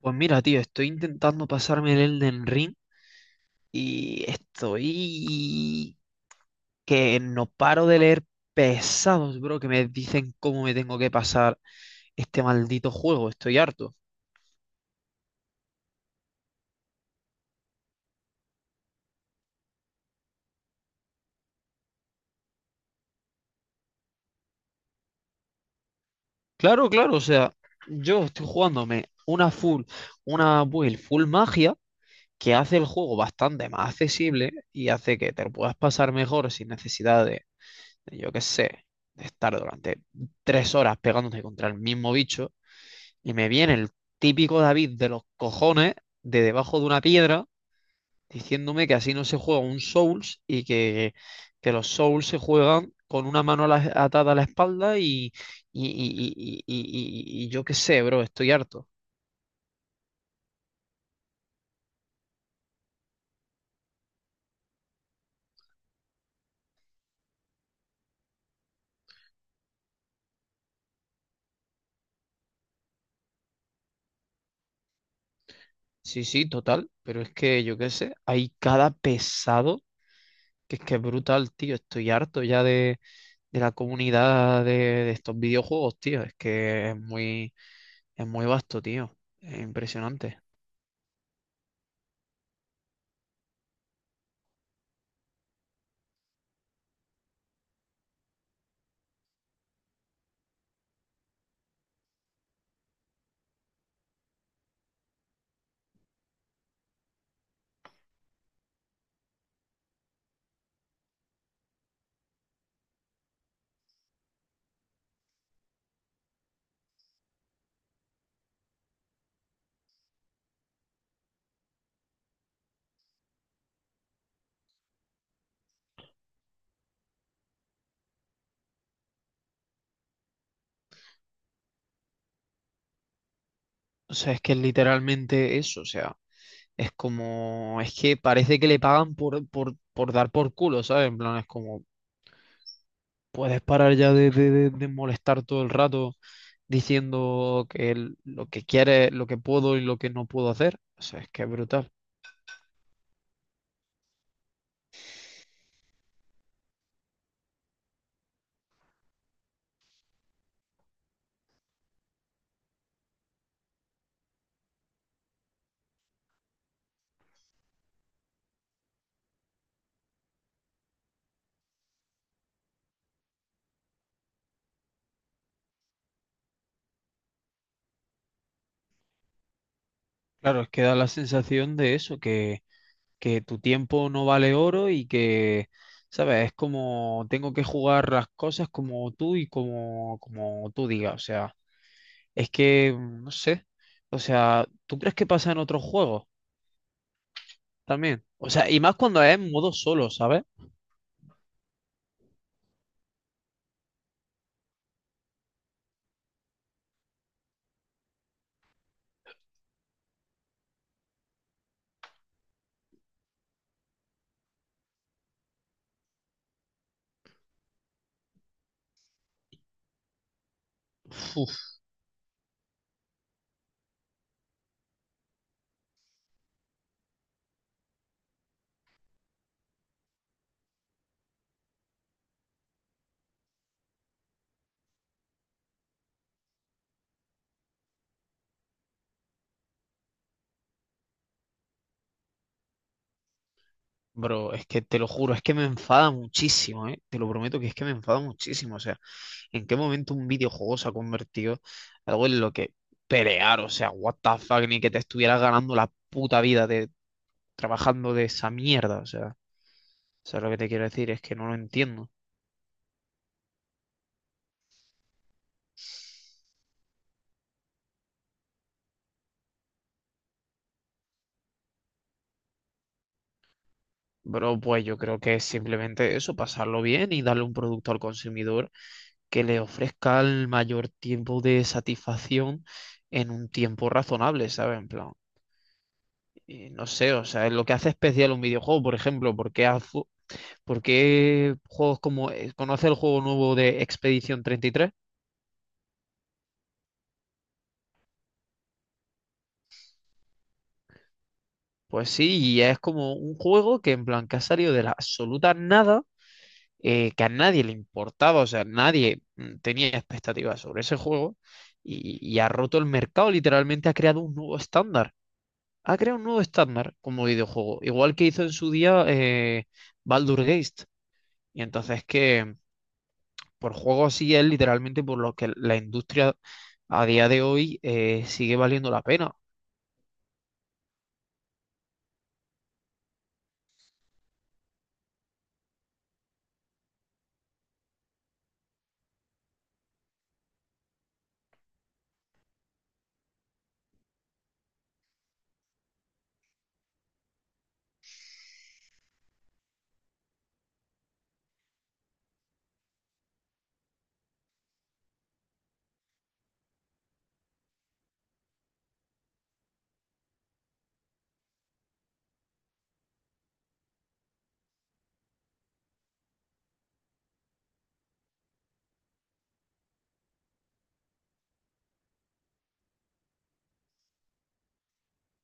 Pues mira, tío, estoy intentando pasarme el Elden Ring y estoy que no paro de leer pesados, bro, que me dicen cómo me tengo que pasar este maldito juego. Estoy harto. Claro, claro, o sea, yo estoy jugándome una full, una build full magia que hace el juego bastante más accesible y hace que te lo puedas pasar mejor sin necesidad de, yo qué sé, de estar durante tres horas pegándote contra el mismo bicho. Y me viene el típico David de los cojones de debajo de una piedra diciéndome que así no se juega un Souls y que los Souls se juegan con una mano atada a la espalda y yo qué sé, bro, estoy harto. Sí, sí, total, pero es que yo qué sé, hay cada pesado que es brutal, tío, estoy harto ya de la comunidad de estos videojuegos, tío, es que es muy vasto, tío, es impresionante. O sea, es que es literalmente eso, o sea, es como, es que parece que le pagan por dar por culo, ¿sabes? En plan, es como, puedes parar ya de molestar todo el rato diciendo que lo que quiere lo que puedo y lo que no puedo hacer. O sea, es que es brutal. Claro, es que da la sensación de eso, que tu tiempo no vale oro y que, ¿sabes? Es como, tengo que jugar las cosas como tú y como, como tú digas, o sea. Es que, no sé. O sea, ¿tú crees que pasa en otros juegos también? O sea, y más cuando es en modo solo, ¿sabes? Uf, bro, es que te lo juro, es que me enfada muchísimo, ¿eh? Te lo prometo que es que me enfada muchísimo. O sea, ¿en qué momento un videojuego se ha convertido en algo en lo que pelear? O sea, what the fuck, ni que te estuvieras ganando la puta vida de trabajando de esa mierda. O sea, ¿sabes lo que te quiero decir? Es que no lo entiendo. Bro, pues yo creo que es simplemente eso, pasarlo bien y darle un producto al consumidor que le ofrezca el mayor tiempo de satisfacción en un tiempo razonable, ¿sabes? En plan, no sé, o sea, es lo que hace especial un videojuego, por ejemplo, ¿por qué, por qué juegos como... ¿Conoce el juego nuevo de Expedición 33? Pues sí, y es como un juego que en plan que ha salido de la absoluta nada, que a nadie le importaba, o sea, nadie tenía expectativas sobre ese juego y ha roto el mercado, literalmente ha creado un nuevo estándar. Ha creado un nuevo estándar como videojuego, igual que hizo en su día Baldur's Gate. Y entonces que por juego así es literalmente por lo que la industria a día de hoy sigue valiendo la pena.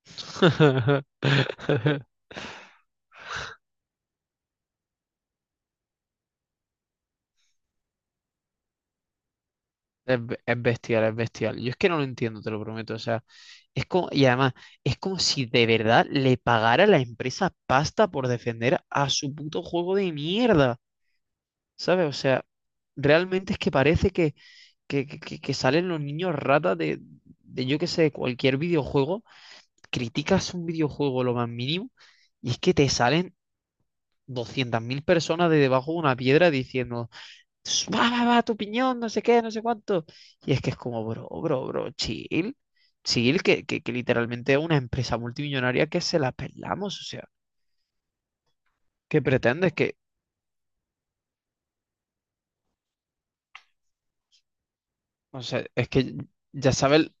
Es, es bestial, es bestial. Yo es que no lo entiendo, te lo prometo. O sea, es como, y además, es como si de verdad le pagara la empresa pasta por defender a su puto juego de mierda. ¿Sabes? O sea, realmente es que parece que, que salen los niños ratas de, yo qué sé, cualquier videojuego, criticas un videojuego lo más mínimo y es que te salen 200.000 personas de debajo de una piedra diciendo, "Ss, va, va, va, tu opinión, no sé qué, no sé cuánto". Y es que es como, bro, bro, bro, chill, chill, que literalmente es una empresa multimillonaria que se la pelamos, o sea, ¿qué pretendes? Que, o sea, es que ya sabes,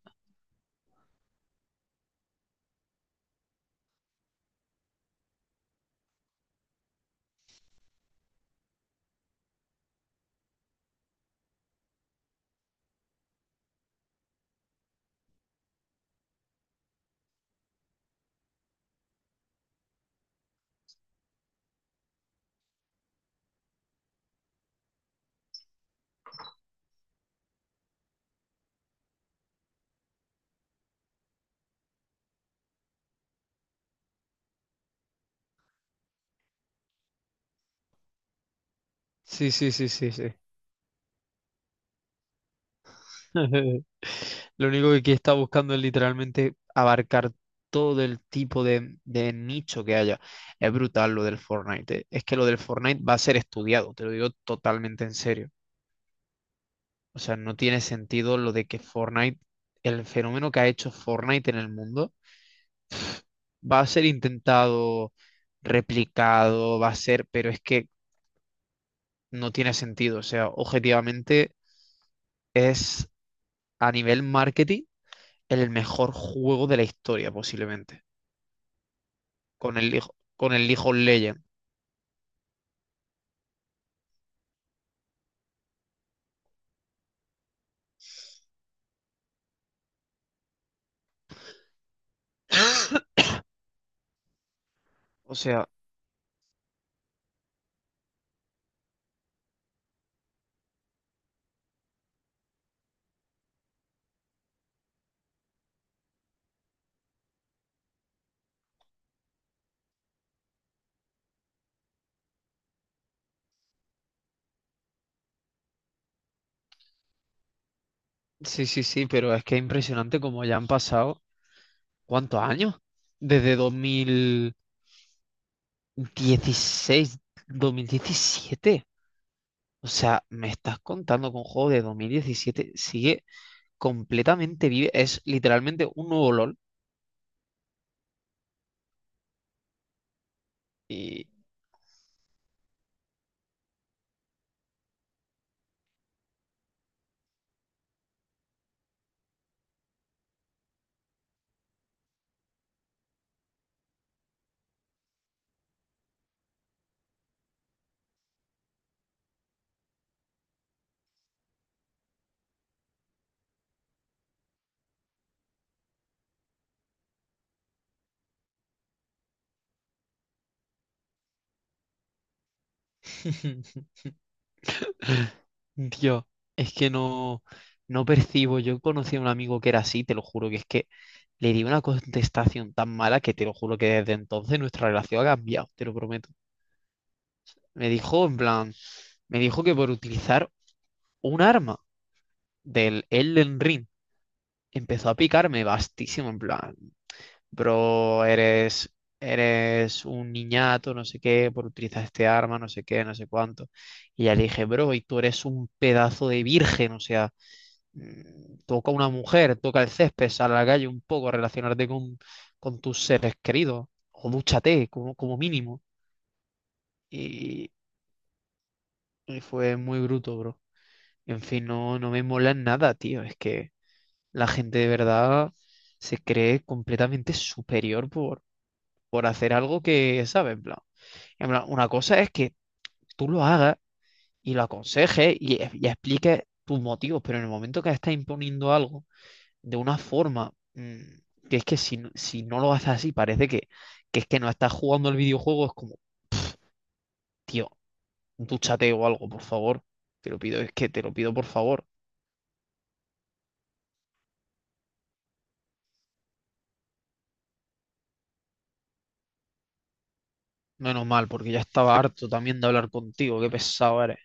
sí, sí, sí, sí, sí. Lo único que aquí está buscando es literalmente abarcar todo el tipo de nicho que haya. Es brutal lo del Fortnite. Es que lo del Fortnite va a ser estudiado, te lo digo totalmente en serio. O sea, no tiene sentido lo de que Fortnite, el fenómeno que ha hecho Fortnite en el mundo, va a ser intentado, replicado, va a ser, pero es que no tiene sentido. O sea, objetivamente es a nivel marketing el mejor juego de la historia posiblemente. Con el, hijo con el League of Legends. O sea, sí, sí, sí, pero es que es impresionante como ya han pasado, ¿cuántos años? Desde 2016, 2017. O sea, me estás contando con un juego de 2017 sigue completamente vive, es literalmente un nuevo LOL. Y, Dios, es que no, no percibo. Yo conocí a un amigo que era así, te lo juro, que es que le di una contestación tan mala que te lo juro que desde entonces nuestra relación ha cambiado, te lo prometo. Me dijo, en plan, me dijo que por utilizar un arma del Elden Ring empezó a picarme bastísimo, en plan, bro, eres, eres un niñato, no sé qué, por utilizar este arma, no sé qué, no sé cuánto. Y ya le dije, bro, y tú eres un pedazo de virgen, o sea, toca a una mujer, toca el césped, sal a la calle un poco, relacionarte con tus seres queridos, o dúchate como, como mínimo. Y, y fue muy bruto, bro. En fin, no, no me mola nada, tío. Es que la gente de verdad se cree completamente superior por hacer algo que, ¿sabes? En plan, una cosa es que tú lo hagas y lo aconsejes y expliques tus motivos, pero en el momento que estás imponiendo algo, de una forma que es que si, si no lo haces así, parece que es que no estás jugando al videojuego, es como, tío, dúchate o algo, por favor. Te lo pido, es que te lo pido, por favor. Menos mal, porque ya estaba harto también de hablar contigo, qué pesado eres.